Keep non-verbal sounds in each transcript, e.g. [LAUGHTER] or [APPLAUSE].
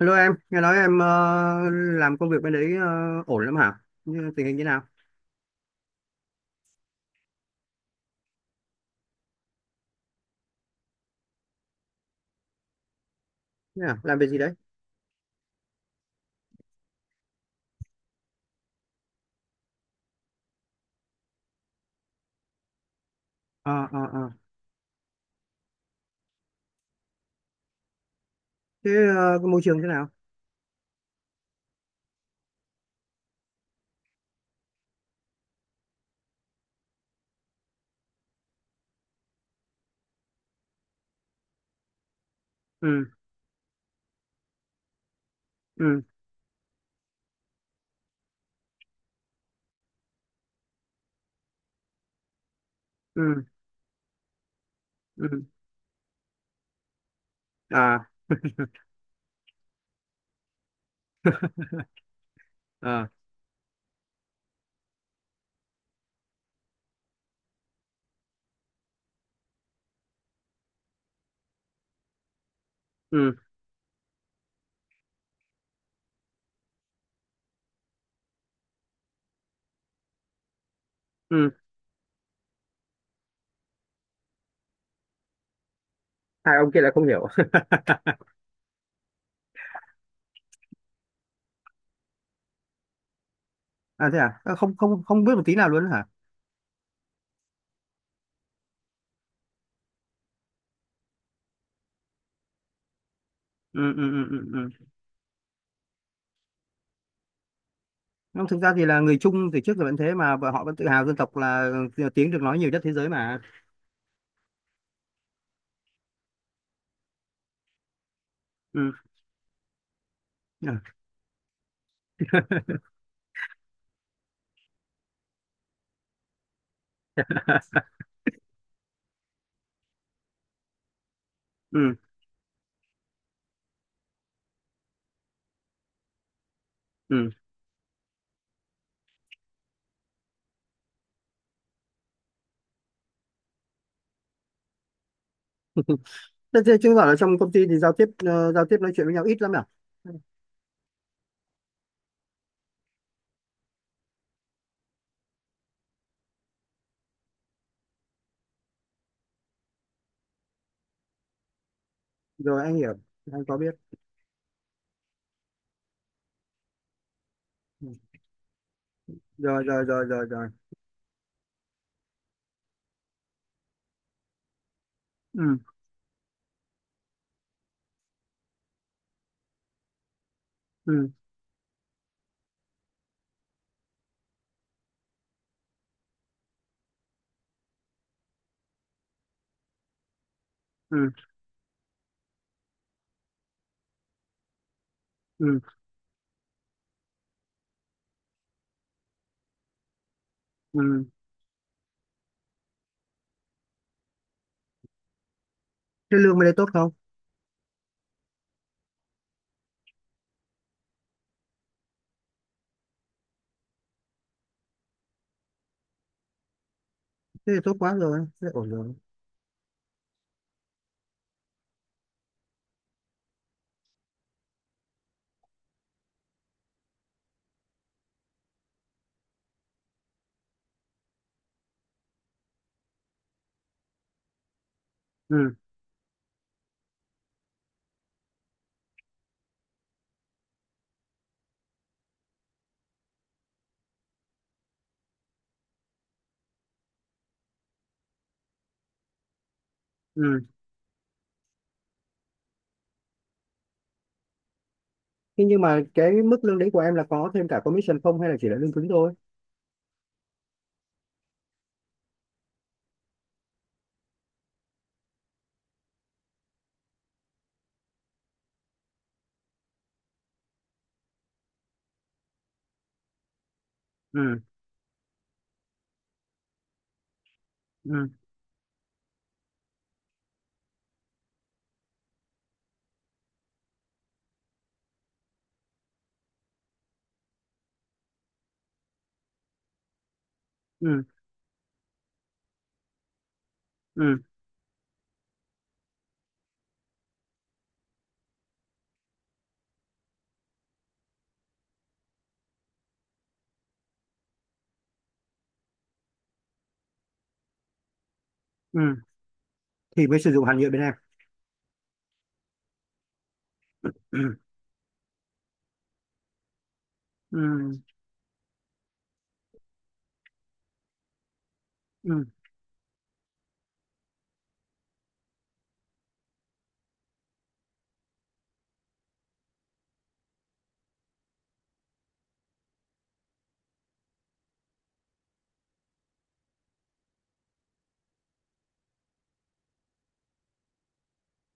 Hello em, nghe nói em làm công việc bên đấy ổn lắm hả? Như tình hình như nào? Thế à? Làm việc gì đấy? Ờ, ờ, ờ. Thế cái môi trường thế nào? Ừ, ừ, ừ, ừ. À, ờ, ừ, ừ. Hai ông kia lại không hiểu. [LAUGHS] À, thế à? À, không, không, không biết một tí nào luôn hả? Ừ, ừ, ừ, ừ. Ừ. Không, thực ra thì là người Trung từ trước giờ vẫn thế mà, và họ vẫn tự hào dân tộc là tiếng được nói nhiều nhất thế giới mà. Ừ. Ừ. [LAUGHS] Ừ. Ừ. Thế, chứng tỏ là trong công ty thì giao tiếp giao tiếp nói chuyện với nhau ít lắm à? Rồi anh hiểu. Anh có biết. Ừ. Rồi, rồi, rồi, rồi, rồi. Ừ, ừ, ừ, ừ, ừ. Thế lương bên đây tốt không? Thế thì tốt quá rồi, thế là ổn rồi. Ừ, ừ. Thế nhưng mà cái mức lương đấy của em là có thêm cả commission không, hay là chỉ là lương cứng thôi? Ừ, ừ, ừ, ừ, ừ. Thì mới sử dụng hàng nhựa bên em. Ừ, ừ, ừ,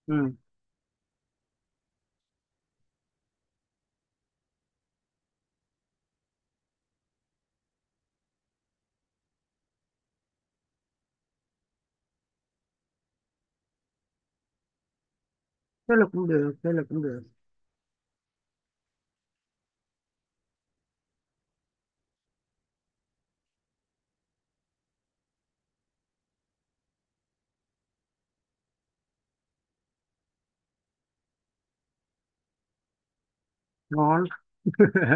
ừ. Thế là cũng được, thế là cũng được. Ngon. [LAUGHS]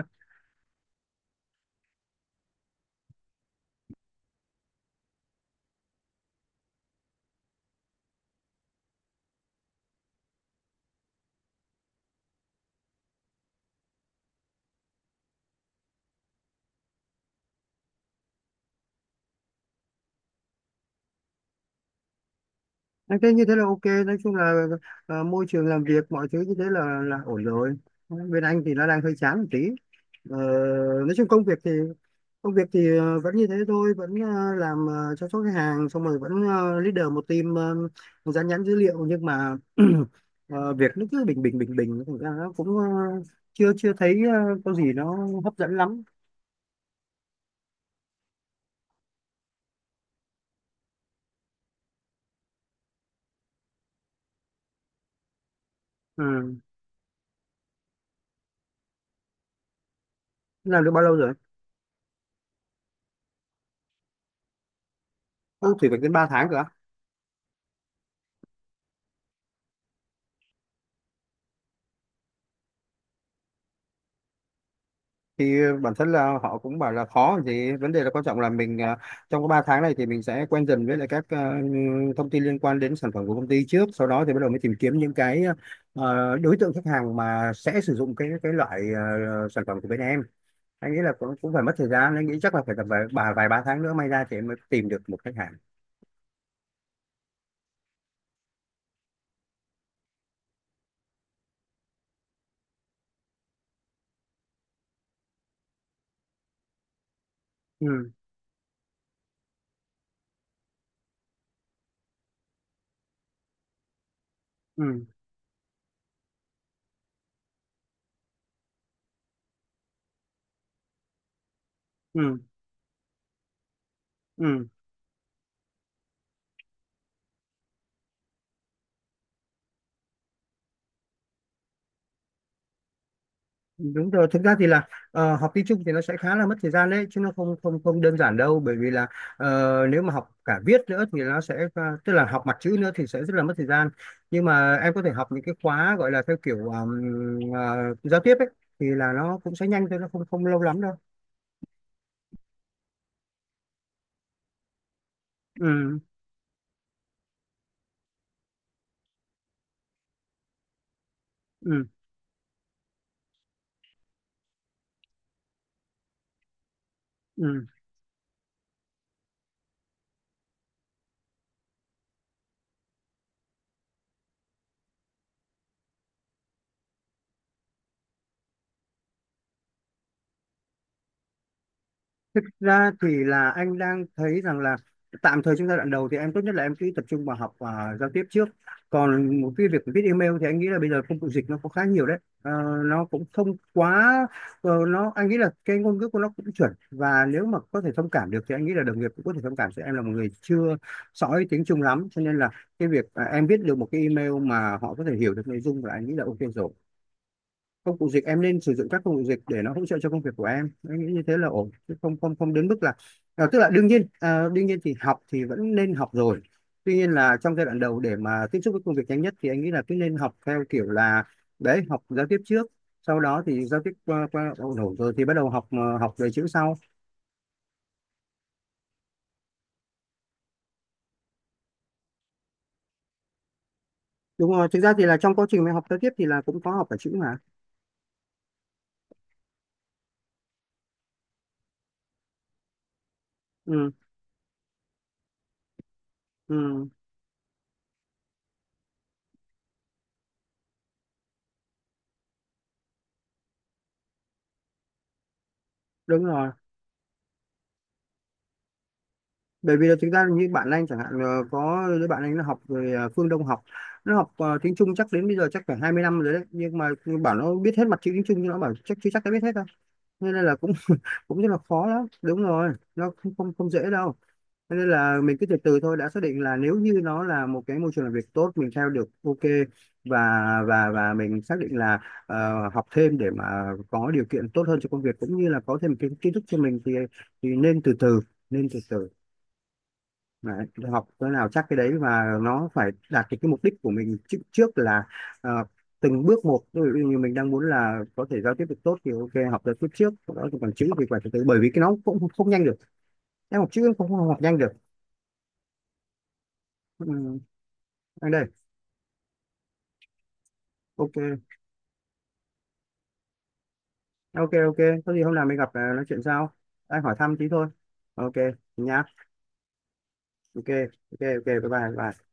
Anh thấy như thế là ok, nói chung là môi trường làm việc mọi thứ như thế là ổn rồi. Bên anh thì nó đang hơi chán một tí. Ờ, nói chung công việc thì vẫn như thế thôi, vẫn làm, chăm sóc khách hàng, xong rồi vẫn leader một team, dán nhãn dữ liệu, nhưng mà [CLEARS THROAT] việc nó cứ bình bình bình bình, thành ra nó cũng chưa chưa thấy có gì nó hấp dẫn lắm. Ừ. Làm được bao lâu rồi? Ô, thì phải đến 3 tháng cơ. Thì bản thân là họ cũng bảo là khó còn gì, vấn đề là quan trọng là mình trong cái 3 tháng này thì mình sẽ quen dần với lại các thông tin liên quan đến sản phẩm của công ty trước, sau đó thì bắt đầu mới tìm kiếm những cái à, đối tượng khách hàng mà sẽ sử dụng cái loại sản phẩm của bên em. Anh nghĩ là cũng cũng phải mất thời gian, anh nghĩ chắc là phải tầm vài vài, vài ba tháng nữa may ra thì em mới tìm được một khách hàng. Ừ, ừ, ừ, ừ. Đúng rồi, thực ra thì là học tiếng Trung thì nó sẽ khá là mất thời gian đấy chứ, nó không không không đơn giản đâu, bởi vì là nếu mà học cả viết nữa thì nó sẽ tức là học mặt chữ nữa thì sẽ rất là mất thời gian. Nhưng mà em có thể học những cái khóa gọi là theo kiểu ờ, giao tiếp ấy, thì là nó cũng sẽ nhanh thôi, nó không không lâu lắm đâu. Ừ, ừ, ừ. Thực ra thì là anh đang thấy rằng là tạm thời trong giai đoạn đầu thì em tốt nhất là em cứ tập trung vào học và giao tiếp trước. Còn một cái việc viết email thì anh nghĩ là bây giờ công cụ dịch nó có khá nhiều đấy. Ờ, nó cũng không quá nó anh nghĩ là cái ngôn ngữ của nó cũng chuẩn, và nếu mà có thể thông cảm được thì anh nghĩ là đồng nghiệp cũng có thể thông cảm sẽ em là một người chưa sõi tiếng Trung lắm, cho nên là cái việc em viết được một cái email mà họ có thể hiểu được nội dung là anh nghĩ là ok rồi. Công cụ dịch em nên sử dụng, các công cụ dịch để nó hỗ trợ cho công việc của em nghĩ như thế là ổn, chứ không không không đến mức là tức là đương nhiên đương nhiên thì học thì vẫn nên học rồi. Tuy nhiên là trong giai đoạn đầu để mà tiếp xúc với công việc nhanh nhất thì anh nghĩ là cứ nên học theo kiểu là đấy, học giao tiếp trước, sau đó thì giao tiếp qua qua ổn ổn rồi thì bắt đầu học về chữ sau. Đúng rồi, thực ra thì là trong quá trình mình học giao tiếp thì là cũng có học cả chữ mà. Ừ, ừ, đúng rồi, bởi vì là thực ra như bạn anh chẳng hạn có đứa bạn anh nó học rồi Phương Đông, học nó học tiếng Trung chắc đến bây giờ chắc phải 20 năm rồi đấy, nhưng mà bảo nó biết hết mặt chữ tiếng Trung nhưng nó bảo chắc chưa chắc đã biết hết đâu, nên là cũng [LAUGHS] cũng rất là khó lắm. Đúng rồi nó không không, không dễ đâu. Cho nên là mình cứ từ từ thôi, đã xác định là nếu như nó là một cái môi trường làm việc tốt mình theo được, ok, và và mình xác định là học thêm để mà có điều kiện tốt hơn cho công việc cũng như là có thêm kiến kiến thức cho mình thì nên từ từ, nên từ từ. Đấy, học cái nào chắc cái đấy, và nó phải đạt cái mục đích của mình trước là ờ, từng bước một, ví dụ như mình đang muốn là có thể giao tiếp được tốt thì ok, học giao tiếp trước, sau đó thì còn chữ thì phải từ từ, bởi vì cái nó cũng không nhanh được, em học chữ cũng không học nhanh được. Ừ. Anh đây. Ok. Ok, ok. Có gì hôm nào mình gặp nói chuyện sau. Anh hỏi thăm tí thôi. Ok. Nhá. Ok, ok, ok. Bye bye bye.